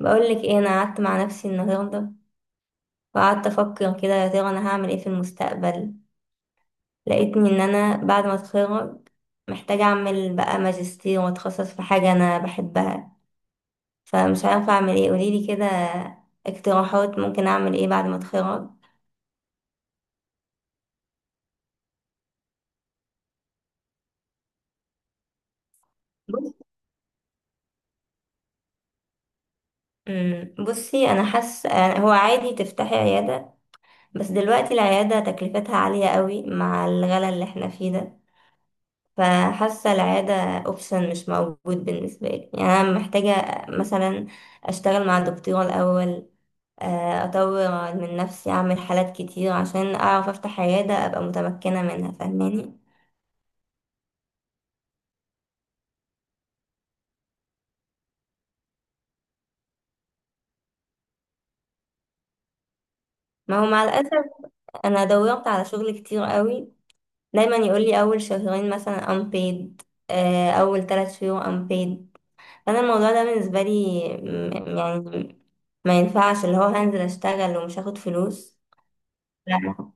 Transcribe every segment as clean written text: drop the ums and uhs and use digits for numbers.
بقول لك ايه؟ انا قعدت مع نفسي النهارده وقعدت افكر كده، يا ترى انا هعمل ايه في المستقبل؟ لقيتني ان انا بعد ما اتخرج محتاجه اعمل بقى ماجستير واتخصص في حاجه انا بحبها، فمش عارفه اعمل ايه. قوليلي كده اقتراحات، ممكن اعمل ايه بعد ما اتخرج؟ بص. بصي، انا حاسه هو عادي تفتحي عياده، بس دلوقتي العياده تكلفتها عاليه قوي مع الغلا اللي احنا فيه ده. فحاسة العيادة اوبشن مش موجود بالنسبة لي. يعني أنا محتاجة مثلا أشتغل مع الدكتور الأول، أطور من نفسي، أعمل حالات كتير عشان أعرف أفتح عيادة، أبقى متمكنة منها. فاهماني؟ ما هو مع الأسف أنا دورت على شغل كتير قوي، دايما يقولي أول شهرين مثلا unpaid، أول 3 شهور unpaid. فأنا الموضوع ده بالنسبة لي يعني ما ينفعش، اللي هو هنزل أشتغل ومش هاخد فلوس. لا،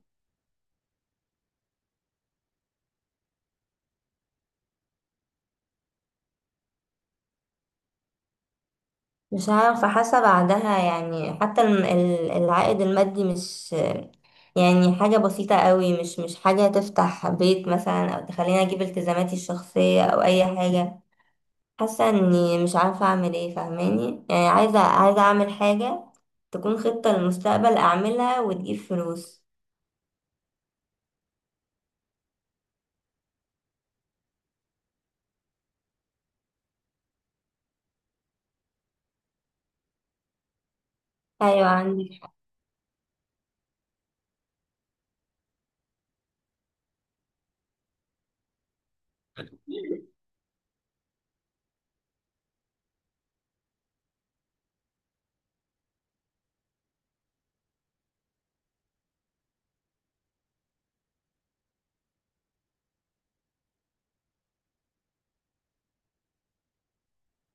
مش عارفة. حاسة بعدها يعني حتى العائد المادي مش يعني حاجة بسيطة قوي، مش حاجة تفتح بيت مثلا أو تخليني أجيب التزاماتي الشخصية أو أي حاجة. حاسة إني مش عارفة أعمل إيه. فاهماني؟ يعني عايزة أعمل حاجة تكون خطة للمستقبل أعملها وتجيب فلوس. أيوة، عندي.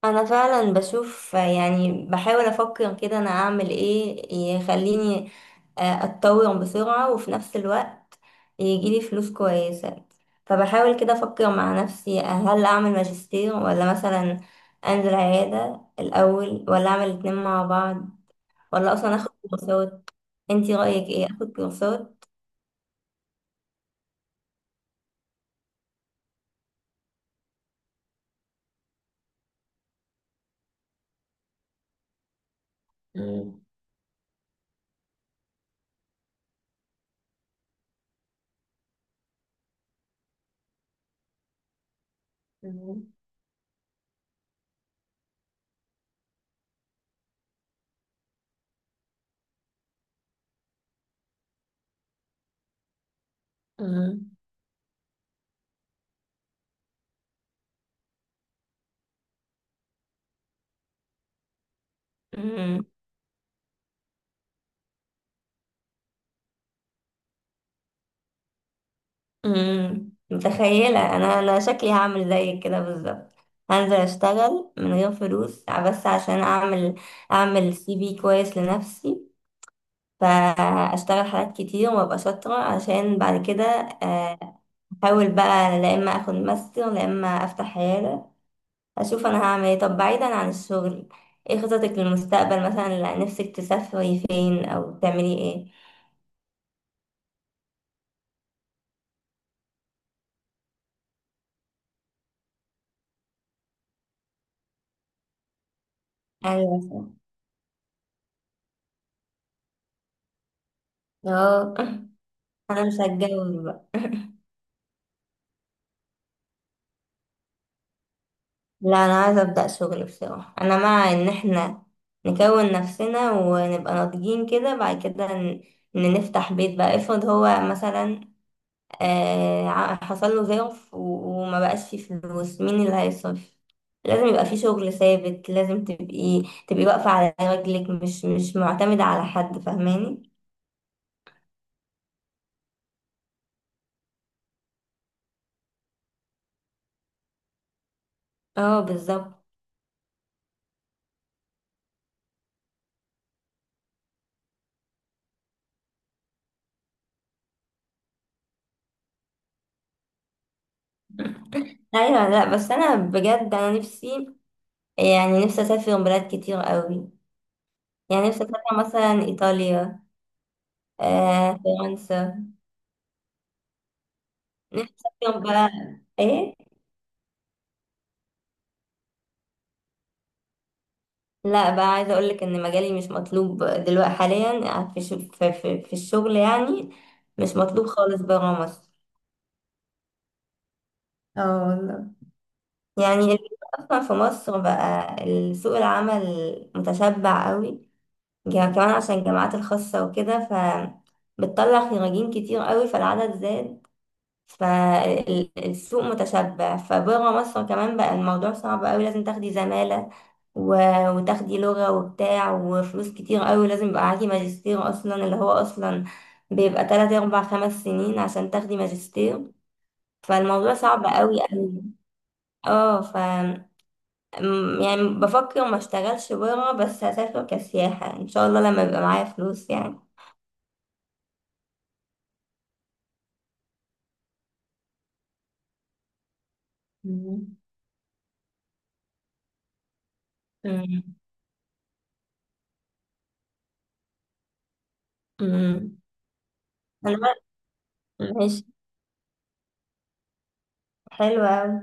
انا فعلا بشوف، يعني بحاول افكر كده انا اعمل ايه يخليني اتطور بسرعة، وفي نفس الوقت يجيلي فلوس كويسة. فبحاول كده افكر مع نفسي، هل اعمل ماجستير ولا مثلا انزل عيادة الاول، ولا اعمل الاتنين مع بعض، ولا اصلا اخد كورسات؟ انتي رأيك ايه، اخد كورسات؟ مم. مم. مم. امم، متخيلة. انا شكلي هعمل زيك كده بالظبط. هنزل اشتغل من غير فلوس، بس عشان اعمل، اعمل سي في كويس لنفسي. فاشتغل حاجات كتير وابقى شاطرة، عشان بعد كده آه، احاول بقى لا اما اخد ماستر لا اما افتح عيادة. اشوف انا هعمل ايه. طب بعيدا عن الشغل، ايه خططك للمستقبل مثلا؟ لا، نفسك تسافري فين او تعملي ايه؟ ايوه، صح. اه. انا مش هتجوز. لا، انا عايزه ابدا شغل. بصراحه انا مع ان احنا نكون نفسنا ونبقى ناضجين كده، بعد كده ان نفتح بيت بقى. افرض هو مثلا آه حصل له ظرف وما بقاش فيه فلوس، مين اللي هيصرف؟ لازم يبقى فيه شغل ثابت. لازم تبقي واقفه على رجلك، مش معتمده على حد. فاهماني؟ اه، بالظبط. ايوه، لا بس انا بجد انا نفسي، يعني نفسي اسافر بلاد كتير قوي. يعني نفسي اسافر مثلا ايطاليا، آه فرنسا. نفسي أفهم بقى ايه. لا بقى، عايزه اقول لك ان مجالي مش مطلوب دلوقتي حاليا في, ش... في, في, في الشغل يعني. مش مطلوب خالص بره مصر. اه والله. يعني الفكرة اصلا في مصر بقى سوق العمل متشبع قوي، كمان عشان الجامعات الخاصه وكده، ف بتطلع خريجين كتير قوي، فالعدد زاد. فالسوق متشبع. فبره مصر كمان بقى الموضوع صعب قوي. لازم تاخدي زمالة و... وتاخدي لغة وبتاع، وفلوس كتير قوي لازم يبقى معاكي. ماجستير أصلا، اللي هو أصلا بيبقى 3 4 5 سنين عشان تاخدي ماجستير. فالموضوع صعب قوي قوي. اه، ف يعني بفكر ما اشتغلش بره، بس هسافر كسياحة ان شاء الله لما يبقى معايا فلوس يعني. مم. مم. مم. انا. ماشي. حلوة أوي.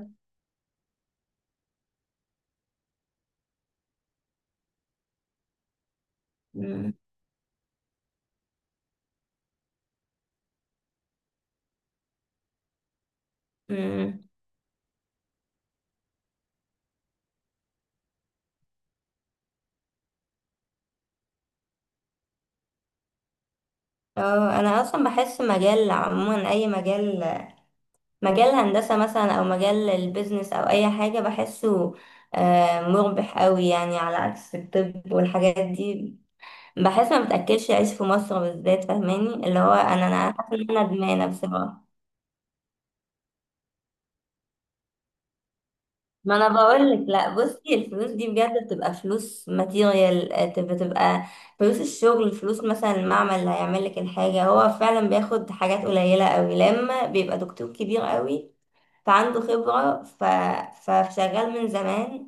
مم. مم. اه، انا اصلا بحس مجال عموما، اي مجال، مجال هندسة مثلا او مجال البيزنس او اي حاجة، بحسه مربح قوي، يعني على عكس الطب والحاجات دي. بحس ما بتاكلش عيش في مصر بالذات. فاهماني؟ اللي هو انا حاسه ان انا ندمانه بصراحه. ما انا بقول لك، لا بصي الفلوس دي بجد بتبقى فلوس ماتيريال، بتبقى فلوس الشغل، فلوس مثلا المعمل اللي هيعمل لك الحاجه هو فعلا بياخد حاجات قليله قوي. لما بيبقى دكتور كبير قوي فعنده خبرة فشغال من زمان،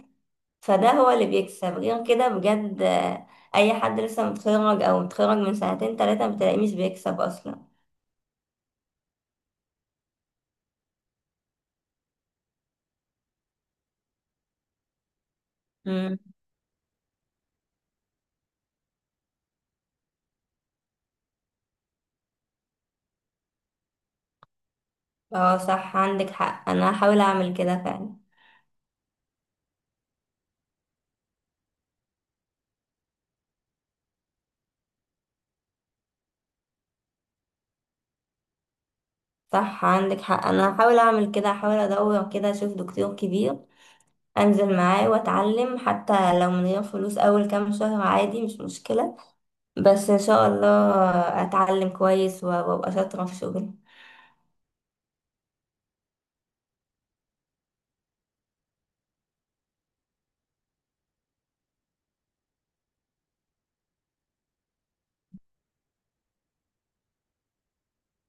فده هو اللي بيكسب. غير كده بجد أي حد لسه متخرج أو متخرج من 2 3 سنين بتلاقيه مش بيكسب أصلا. مم. اه صح، عندك حق. أنا هحاول أعمل كده فعلا. صح عندك حق. أنا هحاول أعمل كده، هحاول أدور كده أشوف دكتور كبير أنزل معاه وأتعلم، حتى لو من غير فلوس أول كام شهر، عادي مش مشكلة. بس إن شاء الله أتعلم كويس وأبقى شاطرة في شغلي.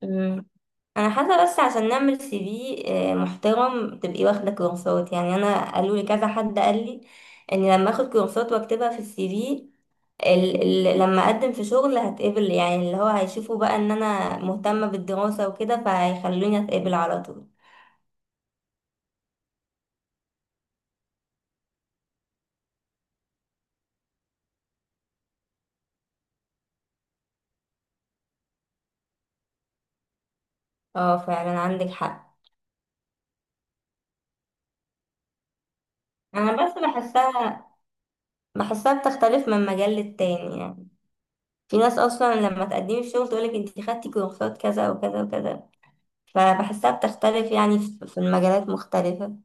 مم. انا حاسه بس عشان نعمل سي في محترم، تبقي واخده كورسات. يعني انا قالوا لي كذا حد، قال لي ان لما اخد كورسات واكتبها في السي في، ال لما اقدم في شغل هتقبل. يعني اللي هو هيشوفوا بقى ان انا مهتمه بالدراسه وكده، فهيخلوني اتقبل على طول. اه فعلا، عندك حق. انا بس بحسها بتختلف من مجال للتاني يعني. في ناس اصلا لما تقدمي في شغل تقولك انت خدتي كورسات كذا وكذا وكذا. فبحسها بتختلف يعني، في المجالات مختلفة.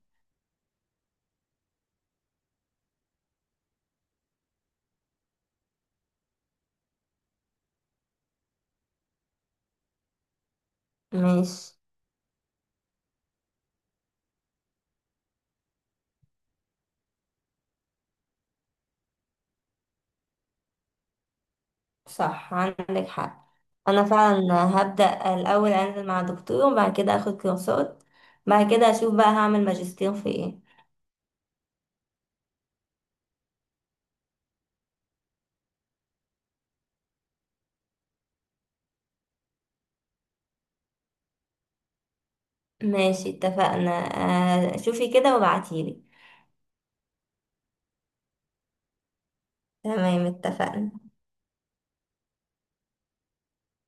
ماشي. صح عندك حق. أنا فعلا هبدأ الأول أنزل مع دكتور، وبعد كده أخد كورسات، بعد كده أشوف بقى هعمل ماجستير في إيه. ماشي، اتفقنا. شوفي كده وابعتيلي. تمام، اتفقنا.